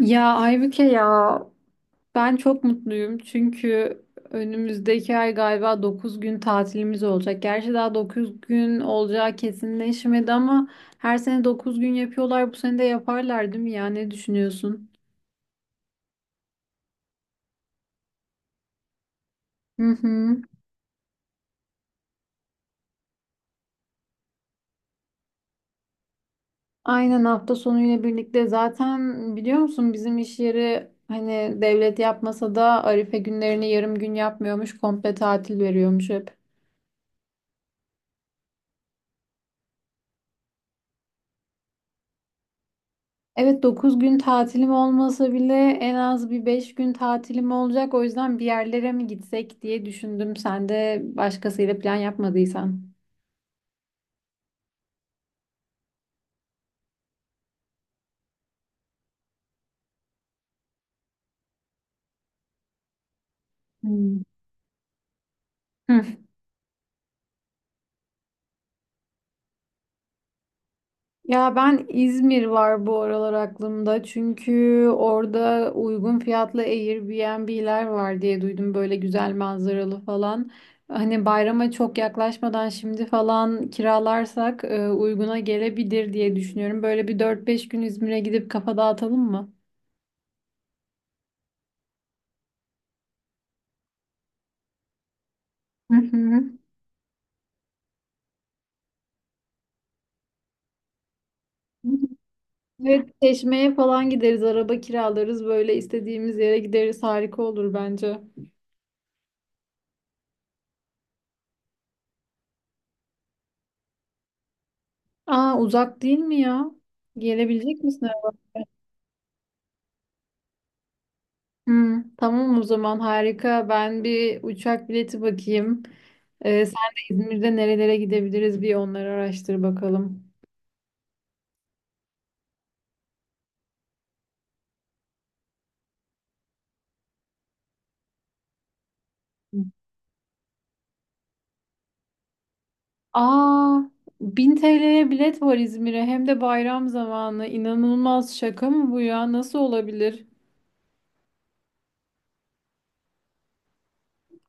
Ya Aybüke ya ben çok mutluyum çünkü önümüzdeki ay galiba 9 gün tatilimiz olacak. Gerçi daha 9 gün olacağı kesinleşmedi ama her sene 9 gün yapıyorlar. Bu sene de yaparlar değil mi ya? Ne düşünüyorsun? Hı hı. Aynen hafta sonuyla birlikte zaten biliyor musun bizim iş yeri hani devlet yapmasa da Arife günlerini yarım gün yapmıyormuş komple tatil veriyormuş hep. Evet 9 gün tatilim olmasa bile en az bir 5 gün tatilim olacak. O yüzden bir yerlere mi gitsek diye düşündüm. Sen de başkasıyla plan yapmadıysan. Hmm. Hı. Ya ben İzmir var bu aralar aklımda. Çünkü orada uygun fiyatlı Airbnb'ler var diye duydum. Böyle güzel manzaralı falan. Hani bayrama çok yaklaşmadan şimdi falan kiralarsak uyguna gelebilir diye düşünüyorum. Böyle bir dört beş gün İzmir'e gidip kafa dağıtalım mı? Hı hı. Ve Çeşme'ye falan gideriz, araba kiralarız, böyle istediğimiz yere gideriz. Harika olur bence. Aa, uzak değil mi ya? Gelebilecek misin? Araba? Hı, tamam o zaman harika. Ben bir uçak bileti bakayım. Sen de İzmir'de nerelere gidebiliriz bir onları araştır bakalım. Hı. Aa, 1000 TL'ye bilet var İzmir'e hem de bayram zamanı. İnanılmaz, şaka mı bu ya? Nasıl olabilir?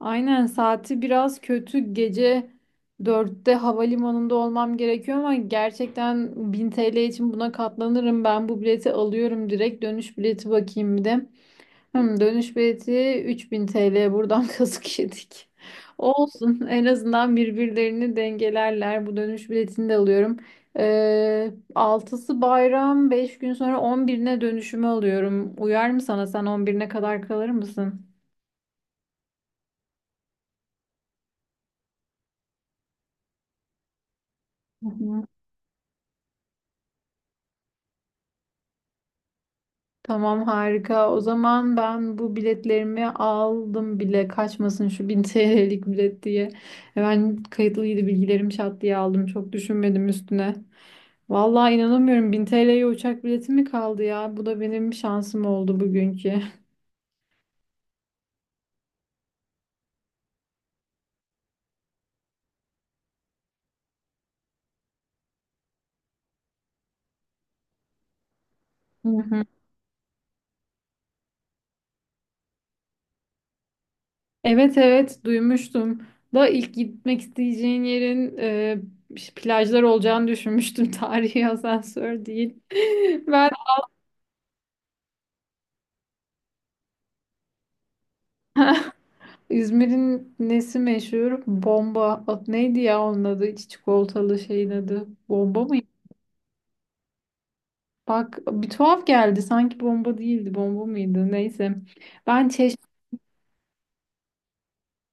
Aynen, saati biraz kötü, gece dörtte havalimanında olmam gerekiyor ama gerçekten 1000 TL için buna katlanırım. Ben bu bileti alıyorum direkt, dönüş bileti bakayım bir de. Hmm, dönüş bileti 3000 TL buradan kazık yedik. Olsun, en azından birbirlerini dengelerler. Bu dönüş biletini de alıyorum. 6'sı bayram, 5 gün sonra 11'ine dönüşümü alıyorum. Uyar mı sana? Sen 11'ine kadar kalır mısın? Hı hı. Tamam harika. O zaman ben bu biletlerimi aldım bile. Kaçmasın şu 1000 TL'lik bilet diye. Hemen kayıtlıydı bilgilerim, şat diye aldım. Çok düşünmedim üstüne. Vallahi inanamıyorum. 1000 TL'ye uçak bileti mi kaldı ya? Bu da benim şansım oldu bugünkü. Hı hı. Evet evet, duymuştum. Da ilk gitmek isteyeceğin yerin plajlar olacağını düşünmüştüm. Tarihi asansör değil. Ben İzmir'in nesi meşhur? Bomba. O- Neydi ya onun adı? İç çikolatalı şeyin adı. Bomba mı? Bak, bir tuhaf geldi. Sanki bomba değildi. Bomba mıydı? Neyse. Ben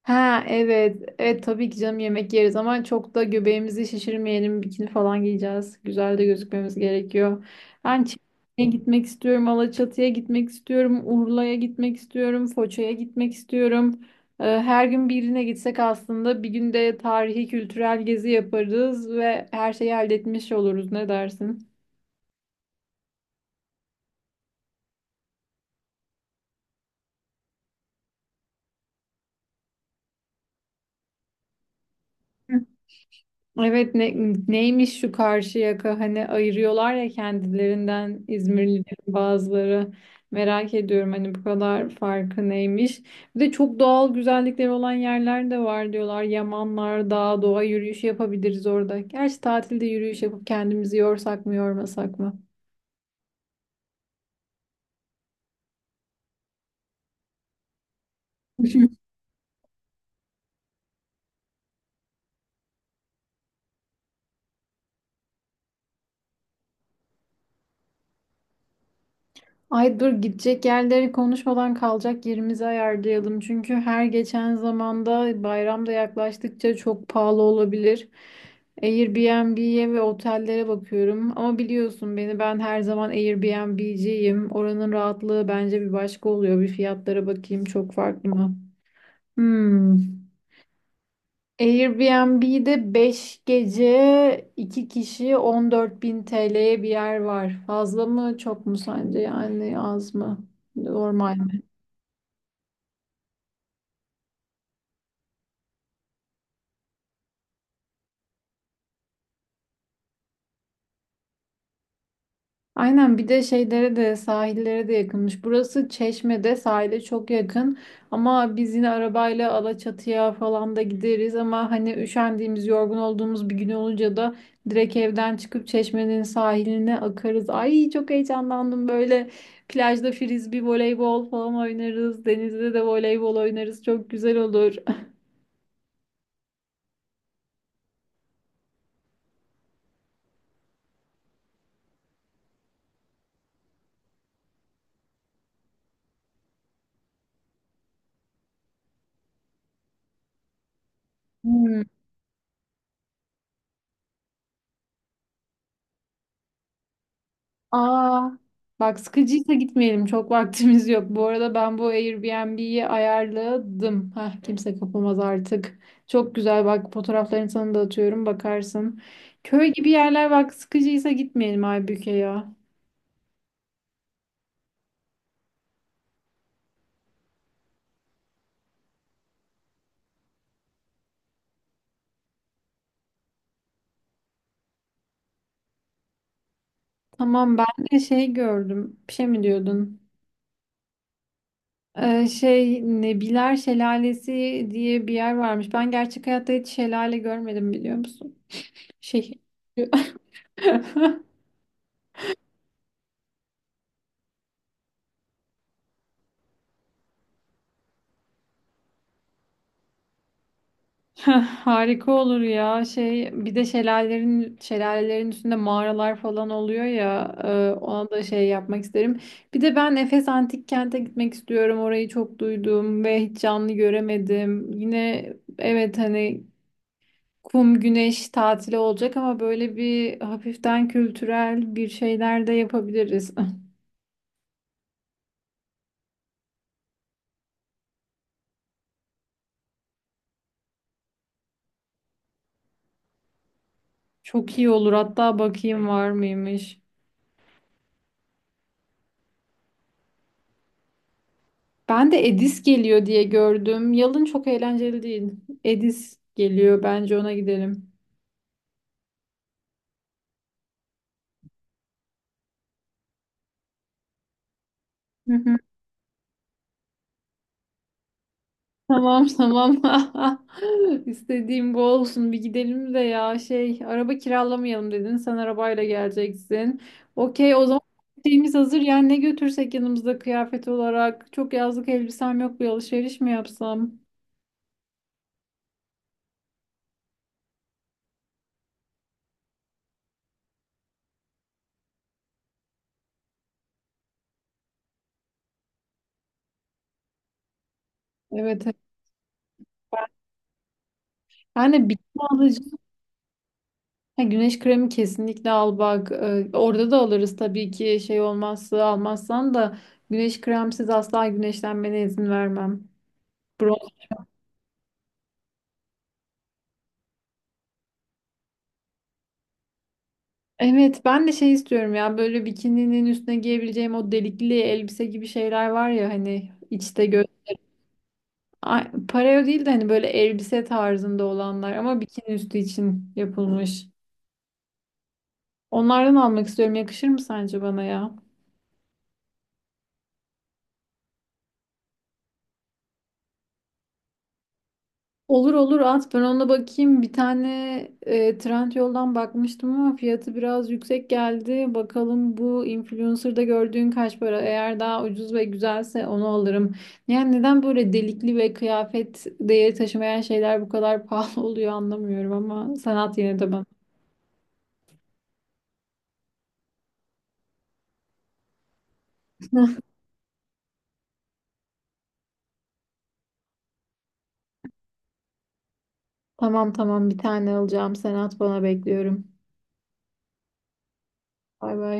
Ha evet. Evet tabii ki canım, yemek yeriz ama çok da göbeğimizi şişirmeyelim. Bikini falan giyeceğiz. Güzel de gözükmemiz gerekiyor. Ben Çeşme'ye gitmek istiyorum. Alaçatı'ya gitmek istiyorum. Urla'ya gitmek istiyorum. Foça'ya gitmek istiyorum. Her gün birine gitsek aslında, bir günde tarihi kültürel gezi yaparız ve her şeyi halletmiş oluruz. Ne dersin? Evet neymiş şu Karşıyaka, hani ayırıyorlar ya kendilerinden İzmirlilerin bazıları, merak ediyorum hani bu kadar farkı neymiş. Bir de çok doğal güzellikleri olan yerler de var diyorlar. Yamanlar, dağ, doğa yürüyüşü yapabiliriz orada. Gerçi tatilde yürüyüş yapıp kendimizi yorsak mı yormasak mı? Ay dur, gidecek yerleri konuşmadan kalacak yerimizi ayarlayalım. Çünkü her geçen zamanda, bayramda yaklaştıkça çok pahalı olabilir. Airbnb'ye ve otellere bakıyorum. Ama biliyorsun beni, ben her zaman Airbnb'ciyim. Oranın rahatlığı bence bir başka oluyor. Bir fiyatlara bakayım, çok farklı mı? Hmm. Airbnb'de 5 gece 2 kişi 14 bin TL'ye bir yer var. Fazla mı, çok mu sence, yani az mı? Normal. Aynen, bir de şeylere de, sahillere de yakınmış. Burası Çeşme'de sahile çok yakın ama biz yine arabayla Alaçatı'ya falan da gideriz ama hani üşendiğimiz, yorgun olduğumuz bir gün olunca da direkt evden çıkıp Çeşme'nin sahiline akarız. Ay çok heyecanlandım, böyle plajda frisbee, voleybol falan oynarız. Denizde de voleybol oynarız. Çok güzel olur. Aa, bak sıkıcıysa gitmeyelim. Çok vaktimiz yok. Bu arada ben bu Airbnb'yi ayarladım. Hah, kimse kapamaz artık. Çok güzel, bak fotoğraflarını sana da atıyorum, bakarsın. Köy gibi yerler, bak sıkıcıysa gitmeyelim Aybüke ya. Tamam, ben de şey gördüm. Bir şey mi diyordun? Şey, Nebiler Şelalesi diye bir yer varmış. Ben gerçek hayatta hiç şelale görmedim, biliyor musun? Şehir. Heh, harika olur ya. Şey, bir de şelalelerin üstünde mağaralar falan oluyor ya. Ona da şey yapmak isterim. Bir de ben Efes Antik Kent'e gitmek istiyorum. Orayı çok duydum ve hiç canlı göremedim. Yine evet, hani kum güneş tatili olacak ama böyle bir hafiften kültürel bir şeyler de yapabiliriz. Çok iyi olur. Hatta bakayım var mıymış. Ben de Edis geliyor diye gördüm. Yalın çok eğlenceli değil. Edis geliyor. Bence ona gidelim. Hı hı. Tamam tamam. İstediğim bu olsun. Bir gidelim de ya, şey, araba kiralamayalım dedin. Sen arabayla geleceksin. Okey, o zaman şeyimiz hazır. Yani ne götürsek yanımızda kıyafet olarak. Çok yazlık elbisem yok. Bir alışveriş mi yapsam? Evet. Evet. Ben de bikini alacağım. Ya güneş kremi kesinlikle al bak. Orada da alırız tabii ki, şey olmazsa, almazsan da güneş kremsiz asla güneşlenmene izin vermem. Bronz. Evet, ben de şey istiyorum ya, böyle bikininin üstüne giyebileceğim o delikli elbise gibi şeyler var ya, hani içte gö. Ay, pareo değil de hani böyle elbise tarzında olanlar ama bikini üstü için yapılmış. Onlardan almak istiyorum. Yakışır mı sence bana ya? Olur olur, at, ben ona bakayım. Bir tane Trendyol'dan bakmıştım ama fiyatı biraz yüksek geldi. Bakalım bu influencer'da gördüğün kaç para? Eğer daha ucuz ve güzelse onu alırım. Yani neden böyle delikli ve kıyafet değeri taşımayan şeyler bu kadar pahalı oluyor anlamıyorum ama sen at yine de bana. Tamam tamam, bir tane alacağım. Sen at, bana bekliyorum. Bay bay.